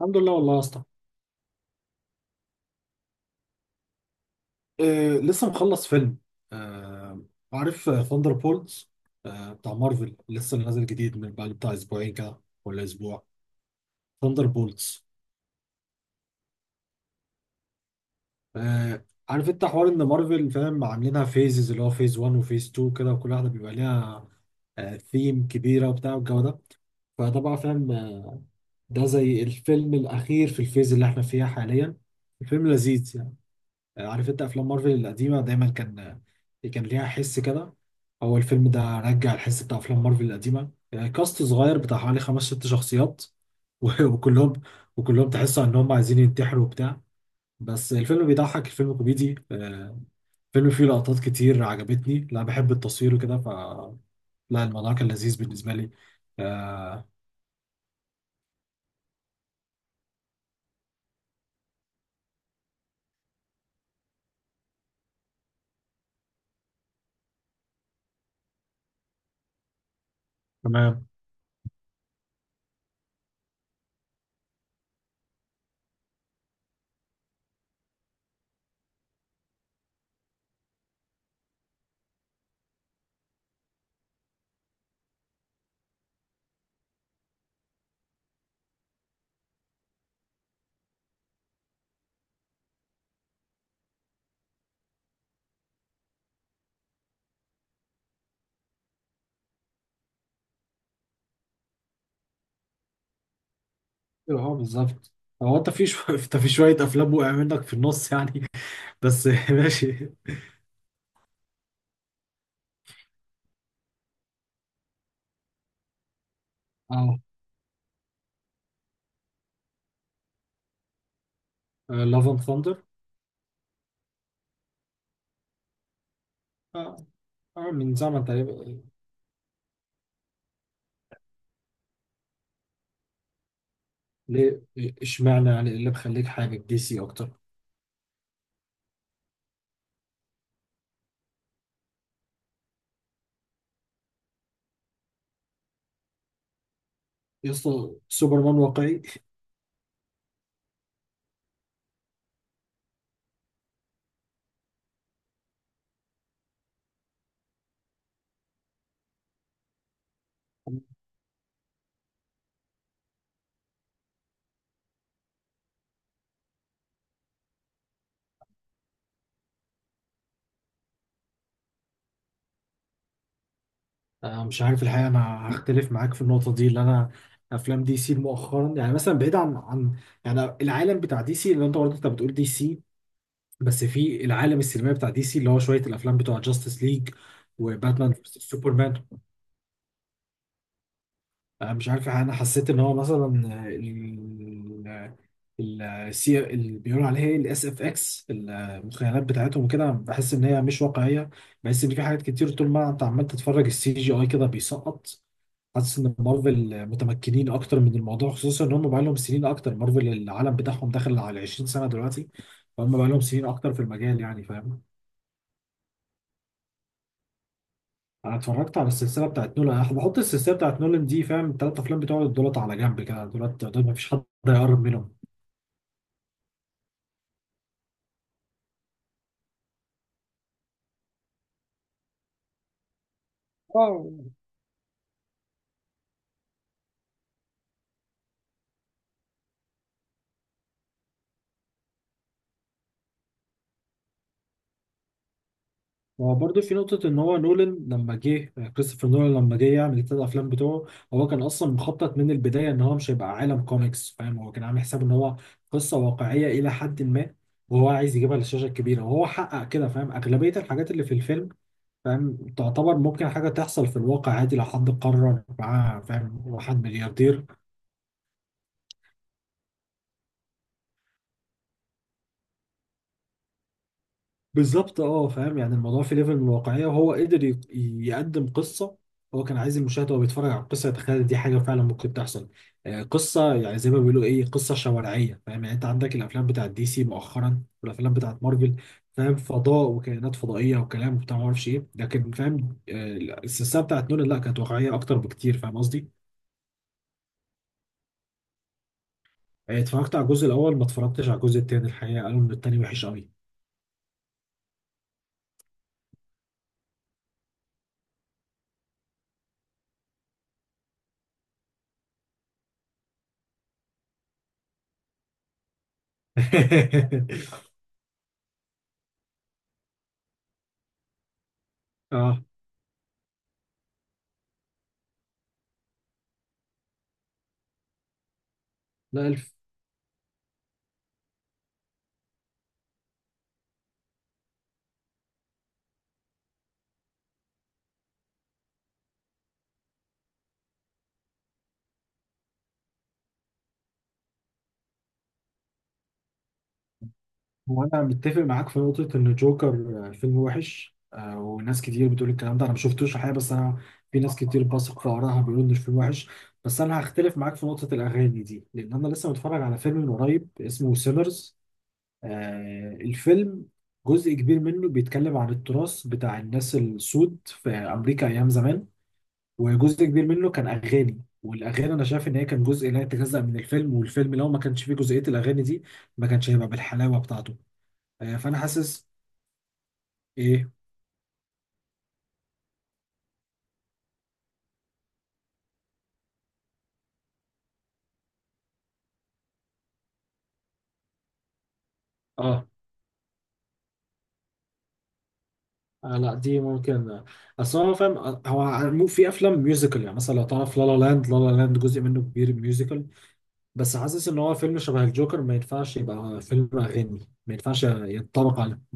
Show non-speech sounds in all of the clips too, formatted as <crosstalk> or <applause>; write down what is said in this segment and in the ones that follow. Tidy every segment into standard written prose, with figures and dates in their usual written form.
الحمد لله والله يا اسطى. لسه مخلص فيلم. آه، عارف ثاندر بولز؟ آه، Thunderbolts؟ آه، بتاع مارفل لسه نازل جديد من بعد بتاع اسبوعين كده ولا اسبوع. ثاندر بولز. آه، عارف انت حوار ان مارفل فاهم عاملينها فيزز اللي هو فيز 1 وفيز 2 كده، وكل واحده بيبقى ليها ثيم كبيره وبتاع والجو ده. فده بقى فاهم. ده زي الفيلم الاخير في الفيز اللي احنا فيها حاليا. الفيلم لذيذ يعني. عارف انت افلام مارفل القديمه دايما كان ليها حس كده. هو الفيلم ده رجع الحس بتاع افلام مارفل القديمه، يعني كاست صغير بتاع حوالي خمس ست شخصيات و- <laughs> وكلهم وكلهم تحسوا ان هم عايزين ينتحروا وبتاع. بس الفيلم بيضحك، الفيلم كوميدي. الفيلم فيه لقطات كتير عجبتني، لا بحب التصوير وكده لا، الموضوع كان لذيذ بالنسبه لي. آه، تمام. اه، بالظبط. هو انت في <laughs> انت في شويه افلام وقع منك في النص يعني. بس <laughs> ماشي. اه، لاف اند ثاندر. اه. آه، من زمن تقريبا. ليه؟ اشمعنى يعني، إيه اللي مخليك حابب دي سي اكتر؟ يا اسطى، سوبرمان واقعي؟ آه، مش عارف الحقيقه، انا هختلف معاك في النقطه دي اللي انا. افلام دي سي مؤخرا يعني، مثلا بعيد عن يعني العالم بتاع دي سي اللي انت بتقول دي سي، بس في العالم السينمائي بتاع دي سي اللي هو شويه الافلام بتوع جاستس ليج وباتمان سوبرمان. آه، مش عارف الحقيقة، انا حسيت ان هو مثلا السي اللي بيقولوا عليها ايه، الاس اف اكس في المخيلات بتاعتهم وكده، بحس ان هي مش واقعيه. بحس ان في حاجات كتير طول ما انت عمال تتفرج السي جي اي كده بيسقط. حاسس ان مارفل متمكنين اكتر من الموضوع، خصوصا ان هم بقى لهم سنين اكتر، مارفل العالم بتاعهم داخل على 20 سنه دلوقتي. فهم بقى لهم سنين اكتر في المجال، يعني فاهم. انا اتفرجت على السلسله بتاعت نولان، انا بحط السلسله بتاعت نولان دي، فاهم الثلاث افلام بتوع دولت على جنب كده، دولت دول مفيش حد هيقرب منهم. هو برضه في نقطة إن هو نولان لما جه، كريستوفر نولان لما جه يعمل التلات أفلام بتوعه، هو كان أصلا مخطط من البداية إن هو مش هيبقى عالم كوميكس، فاهم هو كان عامل حساب إن هو قصة واقعية إلى حد ما، وهو عايز يجيبها للشاشة الكبيرة وهو حقق كده، فاهم أغلبية الحاجات اللي في الفيلم فاهم تعتبر ممكن حاجة تحصل في الواقع عادي لو حد قرر معاه، فاهم هو حد ملياردير. بالظبط اه، فاهم يعني الموضوع في ليفل من الواقعية، وهو قدر يقدم قصة. هو كان عايز المشاهد وهو بيتفرج على القصة يتخيل دي حاجة فعلا ممكن تحصل. آه، قصة يعني زي ما بيقولوا ايه، قصة شوارعية، فاهم يعني انت عندك الافلام بتاعت دي سي مؤخرا والافلام بتاعت مارفل، فاهم فضاء وكائنات فضائية وكلام وبتاع ما اعرفش ايه، لكن فاهم آه، السلسلة بتاعت نولان لا كانت واقعية اكتر بكتير، فاهم قصدي. آه، اتفرجت على الجزء الاول، ما اتفرجتش على الجزء التاني، الحقيقة قالوا ان التاني وحش قوي. <laughs> اه. لا، هو انا متفق معاك في نقطه ان جوكر آه، فيلم وحش آه، وناس كتير بتقول الكلام ده، انا ما شفتوش الحقيقه، بس انا في ناس كتير بثق في ارائها بيقولوا ان الفيلم وحش. بس انا هختلف معاك في نقطه الاغاني دي، لان انا لسه متفرج على فيلم من قريب اسمه سيلرز. الفيلم جزء كبير منه بيتكلم عن التراث بتاع الناس السود في امريكا ايام زمان. وجزء كبير منه كان اغاني، والاغاني انا شايف ان هي كان جزء لا يتجزأ من الفيلم، والفيلم لو ما كانش فيه جزئيه الاغاني دي ما كانش هيبقى بالحلاوه بتاعته. آه، فانا حاسس. ايه. اه. آه، لا دي ممكن آه، اصل هو فاهم آه، هو في افلام ميوزيكال، يعني مثلا لو تعرف لا لا لاند، لا لا لاند جزء منه كبير ميوزيكال. بس حاسس ان هو فيلم شبه الجوكر ما ينفعش يبقى فيلم اغاني. ما ينفعش ينطبق عليه.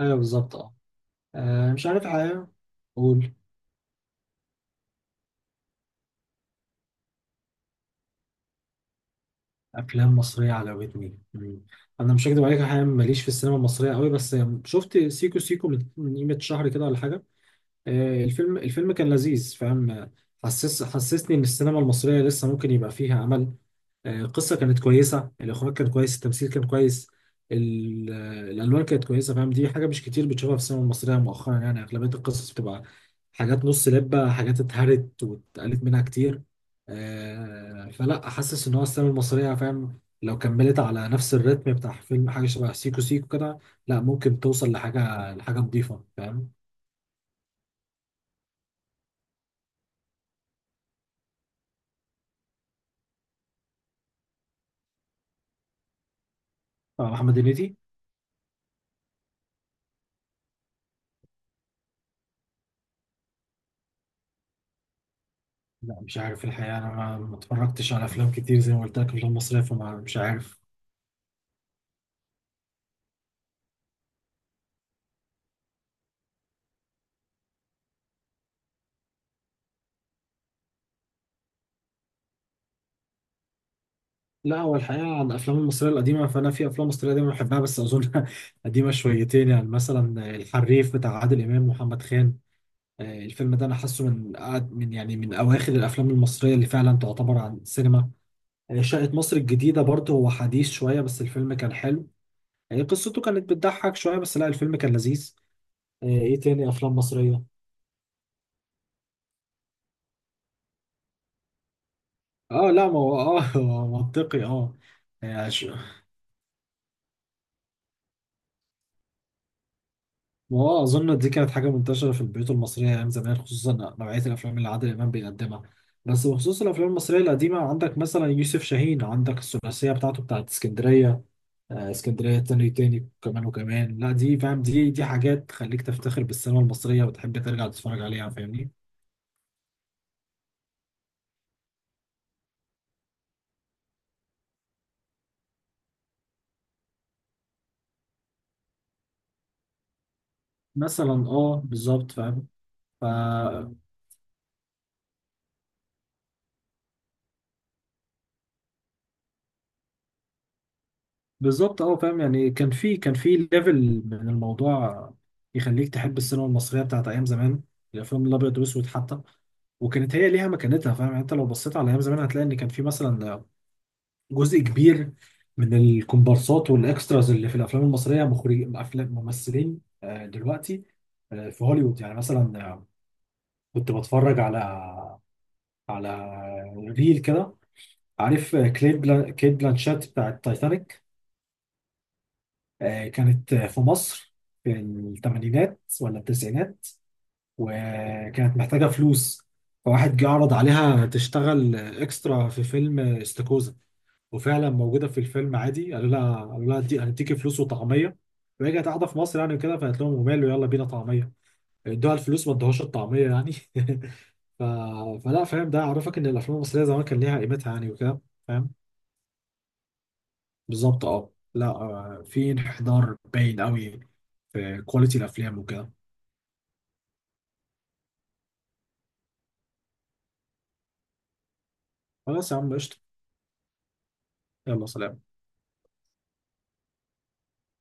ايوه بالظبط اه. آه، مش عارف حاجه. قول. افلام مصريه عجبتني. انا مش هكدب عليك حاجه، ماليش في السينما المصريه قوي، بس شفت سيكو سيكو من قيمه شهر كده ولا حاجه. آه، الفيلم كان لذيذ فاهم آه، حسسني ان السينما المصريه لسه ممكن يبقى فيها امل. آه، القصه كانت كويسه، الاخراج كان كويس، التمثيل كان كويس، آه، الالوان كانت كويسه، فاهم دي حاجه مش كتير بتشوفها في السينما المصريه مؤخرا، يعني اغلبيه القصص بتبقى حاجات نص لبه، حاجات اتهرت واتقالت منها كتير. آه، فلا، حاسس ان هو السينما المصريه فاهم لو كملت على نفس الريتم بتاع فيلم حاجه شبه سيكو سيكو كده، لا ممكن توصل لحاجه نظيفه، فاهم. آه، محمد هنيدي. لا مش عارف الحقيقة، أنا ما اتفرجتش على أفلام كتير زي ما قلت لك، أفلام مصرية، فما مش عارف. لا هو الحقيقة على الأفلام المصرية القديمة، فأنا في أفلام مصرية قديمة بحبها، بس أظن <laughs> قديمة شويتين، يعني مثلا الحريف بتاع عادل إمام ومحمد خان. آه، الفيلم ده أنا حاسه من من يعني من أواخر الأفلام المصرية اللي فعلا تعتبر عن السينما. آه، شقة مصر الجديدة برضه هو حديث شوية، بس الفيلم كان حلو. آه، قصته كانت بتضحك شوية، بس لا الفيلم كان لذيذ. آه، إيه تاني أفلام مصرية؟ آه، لا ما هو آه <laughs> هو منطقي آه. آه، واه اظن دي كانت حاجه منتشره في البيوت المصريه ايام زمان، خصوصا نوعيه الافلام اللي عادل امام بيقدمها. بس بخصوص الافلام المصريه القديمه، عندك مثلا يوسف شاهين، عندك الثلاثيه بتاعته بتاعت اسكندريه. آه، اسكندريه تاني تاني كمان وكمان، لا دي فاهم دي حاجات تخليك تفتخر بالسينما المصريه وتحب ترجع تتفرج عليها، فاهمني. مثلا اه بالظبط فاهم. بالظبط اه، فاهم يعني كان في كان في ليفل من الموضوع يخليك تحب السينما المصريه بتاعت ايام زمان، الافلام الابيض والاسود حتى، وكانت هي ليها مكانتها. فاهم يعني انت لو بصيت على ايام زمان هتلاقي ان كان في مثلا جزء كبير من الكومبارسات والاكستراز اللي في الافلام المصريه مخرج افلام ممثلين آه، دلوقتي آه، في هوليوود، يعني مثلا آه، كنت بتفرج على على ريل كده. عارف آه، كيت بلانشات بتاعت تايتانيك، آه، كانت في مصر في الثمانينات ولا التسعينات، وكانت محتاجة فلوس، فواحد جه عرض عليها تشتغل اكسترا في فيلم استاكوزا. وفعلا موجودة في الفيلم عادي، قالوا لها دي هنديكي فلوس وطعمية، وهي كانت قاعدة في مصر يعني وكده، فقالت لهم وماله يلا بينا طعمية. ادوها الفلوس، ما ادوهاش الطعمية يعني <laughs> ف... فلا، فاهم ده عرفك ان الافلام المصرية زمان كان ليها قيمتها يعني وكده، فاهم. بالظبط اه، لا آه، في انحدار باين قوي في كواليتي الافلام وكده. خلاص يا عم قشطة. يلا سلام.